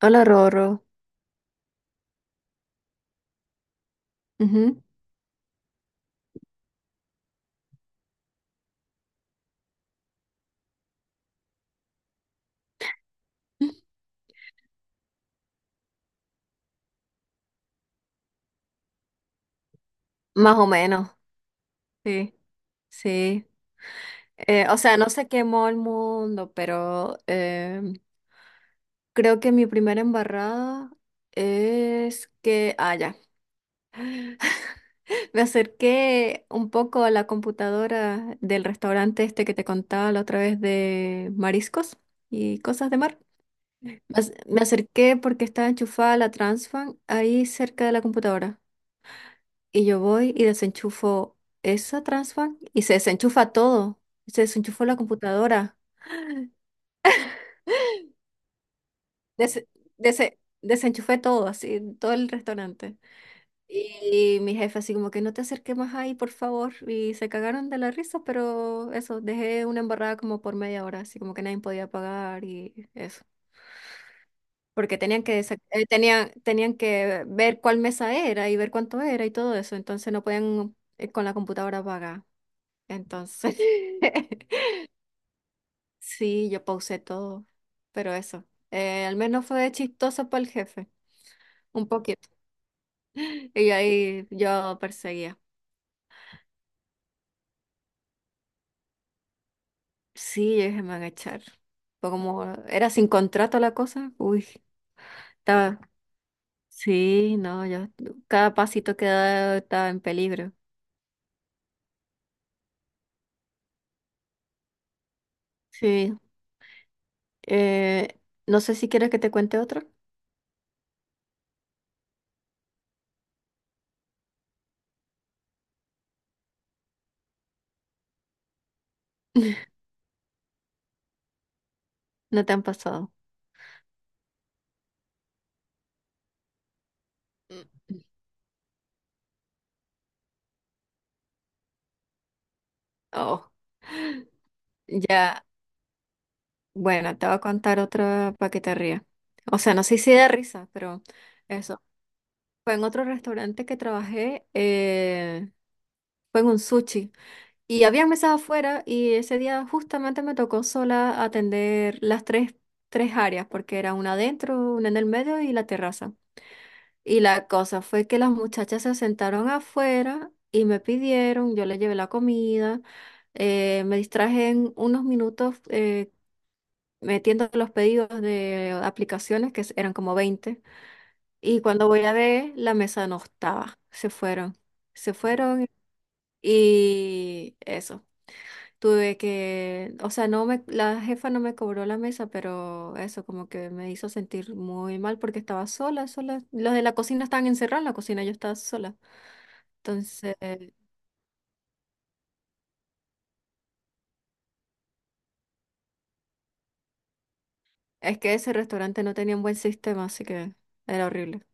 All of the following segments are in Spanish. Hola, Roro. Ujú. Más o menos, sí, sí. O sea, no se quemó el mundo, pero creo que mi primera embarrada es que, ya, Me acerqué un poco a la computadora del restaurante este que te contaba la otra vez de mariscos y cosas de mar. Me acerqué porque estaba enchufada la Transfan ahí cerca de la computadora. Y yo voy y desenchufo esa transfer y se desenchufa todo. Se desenchufó la computadora. Des- Desenchufé todo, así, todo el restaurante. Y mi jefe así como que no te acerques más ahí, por favor. Y se cagaron de la risa, pero eso, dejé una embarrada como por 1/2 hora, así como que nadie podía pagar y eso. Porque tenían que ver cuál mesa era y ver cuánto era y todo eso. Entonces no podían con la computadora pagar. Entonces... Sí, yo pausé todo, pero eso, al menos fue chistoso para el jefe, un poquito. Y ahí yo perseguía. Sí, yo dije, me van a echar. Fue como, era sin contrato la cosa, uy, estaba, sí, no, yo, cada pasito que daba estaba en peligro. Sí, eh, no sé si quieres que te cuente otro, no te han pasado. Mm. Oh, ya, bueno, te voy a contar otra para que te rías. O sea, no sé si da risa, pero eso. Fue en otro restaurante que trabajé, fue en un sushi. Y había mesas afuera y ese día justamente me tocó sola atender tres áreas, porque era una adentro, una en el medio y la terraza. Y la cosa fue que las muchachas se sentaron afuera y me pidieron, yo les llevé la comida, me distraje en unos minutos metiendo los pedidos de aplicaciones, que eran como 20. Y cuando voy a ver, la mesa no estaba. Se fueron. Se fueron y eso. Tuve que, o sea, no me, la jefa no me cobró la mesa, pero eso como que me hizo sentir muy mal porque estaba sola, sola. Los de la cocina estaban encerrados en la cocina, yo estaba sola. Entonces, es que ese restaurante no tenía un buen sistema, así que era horrible.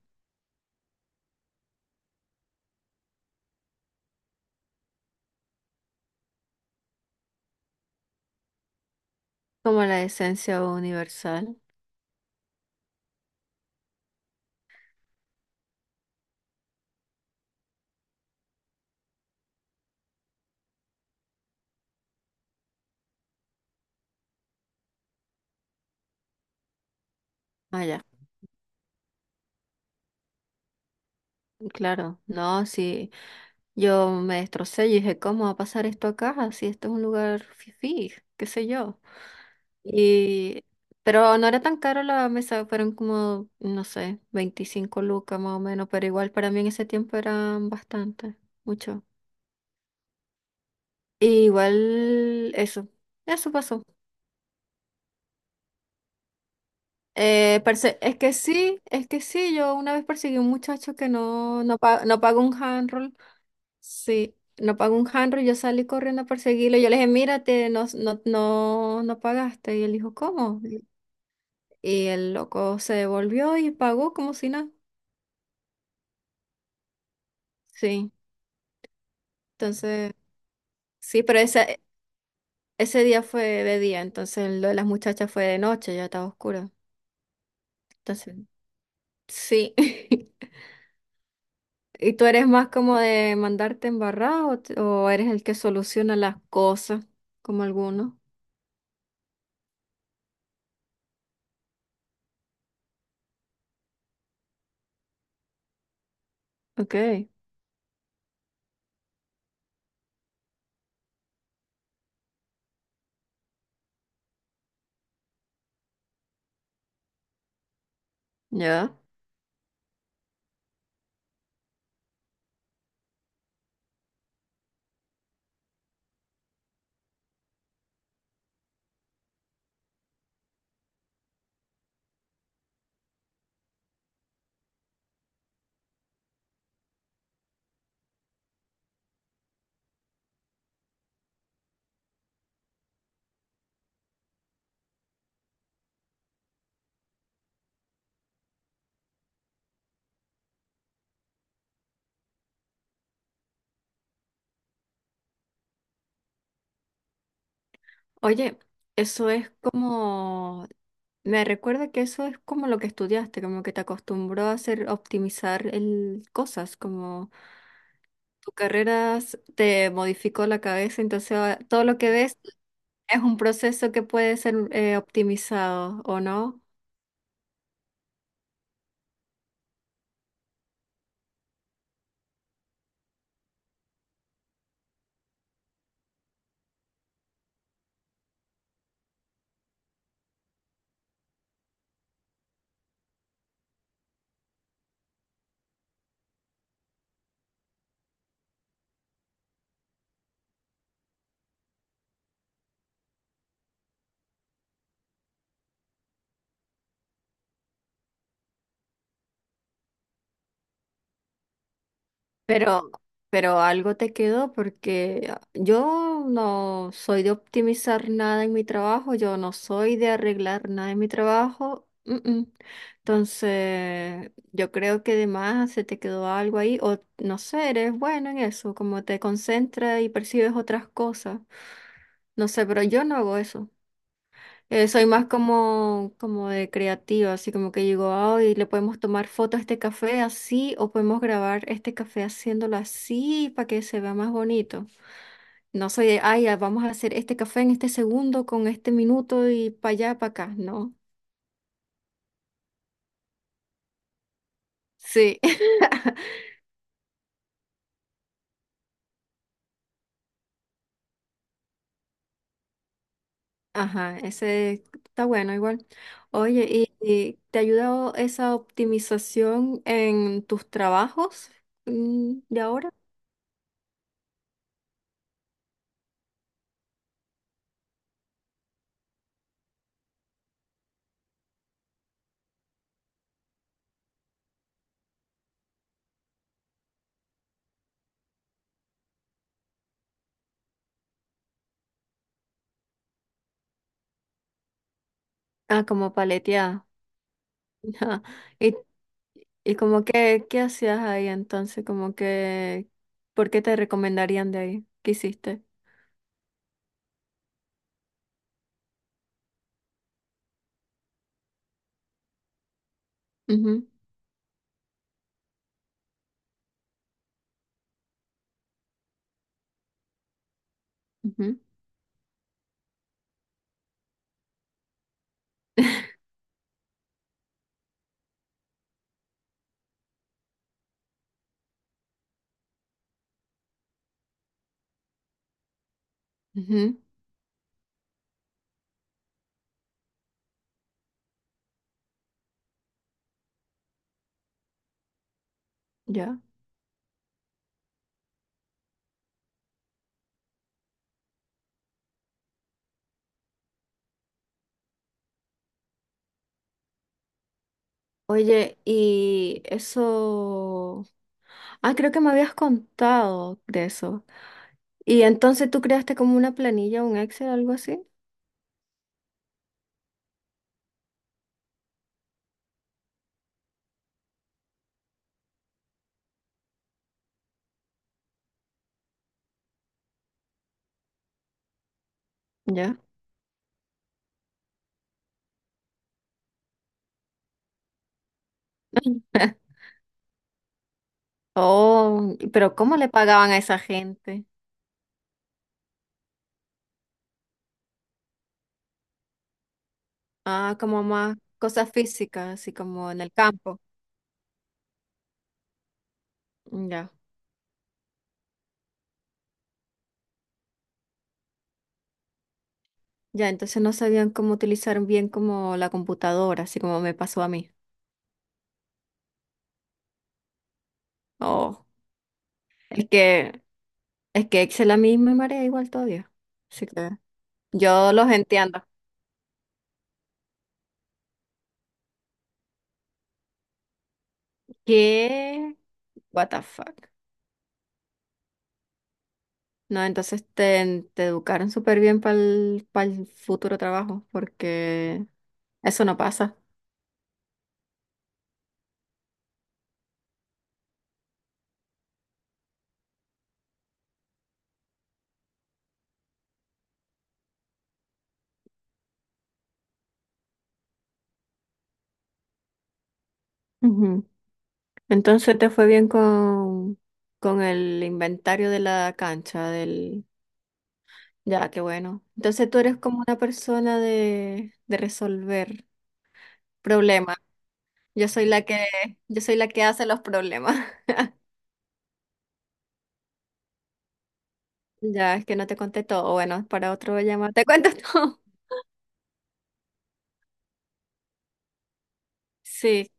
Como la esencia universal. Allá, claro, no, sí. Yo me destrocé y dije, ¿cómo va a pasar esto acá? Si esto es un lugar fifí, qué sé yo. Y... Pero no era tan caro la mesa, fueron como, no sé, 25 lucas más o menos, pero igual para mí en ese tiempo eran bastante, mucho. Y igual eso, eso pasó. Es que sí, yo una vez perseguí a un muchacho que no pagó un handroll. Sí, no pagó un handro, yo salí corriendo a perseguirlo. Yo le dije, mírate, no, no pagaste. Y él dijo, ¿cómo? Y el loco se devolvió y pagó como si nada. Sí, entonces, sí, pero ese día fue de día, entonces lo de las muchachas fue de noche, ya estaba oscuro. Entonces, sí. ¿Y tú eres más como de mandarte embarrado o, o eres el que soluciona las cosas, como algunos? Ok, ya. Oye, eso es como, me recuerda que eso es como lo que estudiaste, como que te acostumbró a hacer, a optimizar el, cosas, como tu te modificó la cabeza, entonces ahora todo lo que ves es un proceso que puede ser optimizado, ¿o no? Pero, pero algo te quedó porque ah, yo no soy de optimizar nada en mi trabajo, yo no soy de arreglar nada en mi trabajo. Mm. Entonces, yo creo que además se te quedó algo ahí, o no sé, eres bueno en eso, como te concentras y percibes otras cosas. No sé, pero yo no hago eso. Soy más como, como de creativa, así como que digo, ay, le podemos tomar foto a este café así o podemos grabar este café haciéndolo así para que se vea más bonito. No soy de, ay, ah, vamos a hacer este café en este segundo, con este minuto y para allá, para acá, no. Sí. Ajá, ese está bueno igual. Oye, y te ha ayudado esa optimización en tus trabajos de ahora? Ah, como paleteada. ¿Y ¿Y como que qué hacías ahí entonces? Como que, ¿por qué te recomendarían de ahí? ¿Qué hiciste? Ujú, ujú, ujú, ya. Oye, y eso... Ah, creo que me habías contado de eso. ¿Y entonces tú creaste como una planilla, un Excel, algo así? Ya. Oh, pero ¿cómo le pagaban a esa gente? Ah, como más cosas físicas, así como en el campo. Ya. Ya, entonces no sabían cómo utilizar bien como la computadora, así como me pasó a mí. Oh, es que, es que Excel a mí me marea igual todavía. Así que yo los entiendo. ¿Qué? What the fuck. No, entonces te educaron súper bien para el futuro trabajo, porque eso no pasa. Ujú. Entonces te fue bien con el inventario de la cancha, del Ya, qué bueno. Entonces tú eres como una persona de resolver problemas. Yo soy la que, yo soy la que hace los problemas. Ya, es que no te conté todo. Bueno, para otro llamado. ¿Te cuento todo? Sí.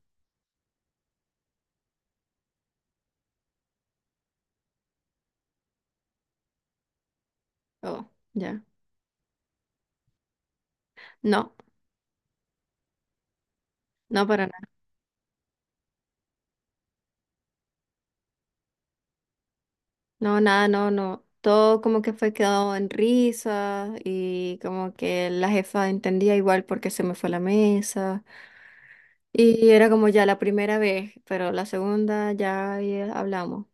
Oh, ya. No, no para nada. No, nada, no, no. Todo como que fue quedado en risa y como que la jefa entendía igual porque se me fue la mesa. Y era como ya la primera vez, pero la segunda ya, ya hablamos.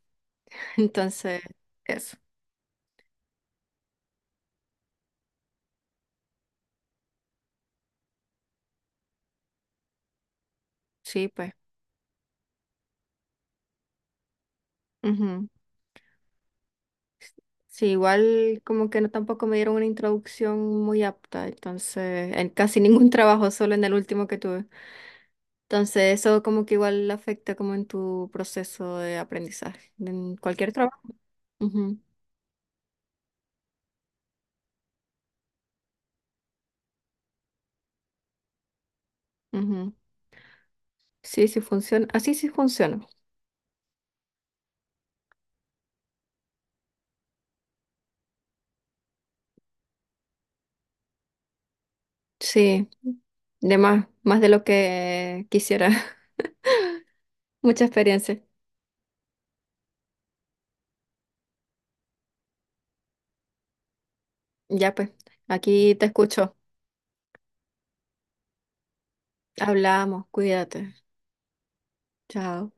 Entonces, eso. Sí, pues. Ujú. Sí, igual como que no tampoco me dieron una introducción muy apta, entonces, en casi ningún trabajo, solo en el último que tuve. Entonces, eso como que igual afecta como en tu proceso de aprendizaje, en cualquier trabajo. Ujú, ujú. Sí, sí funciona. Así sí funciona. Sí, de más, más de lo que quisiera. Mucha experiencia. Ya pues, aquí te escucho. Hablamos, cuídate. Chao.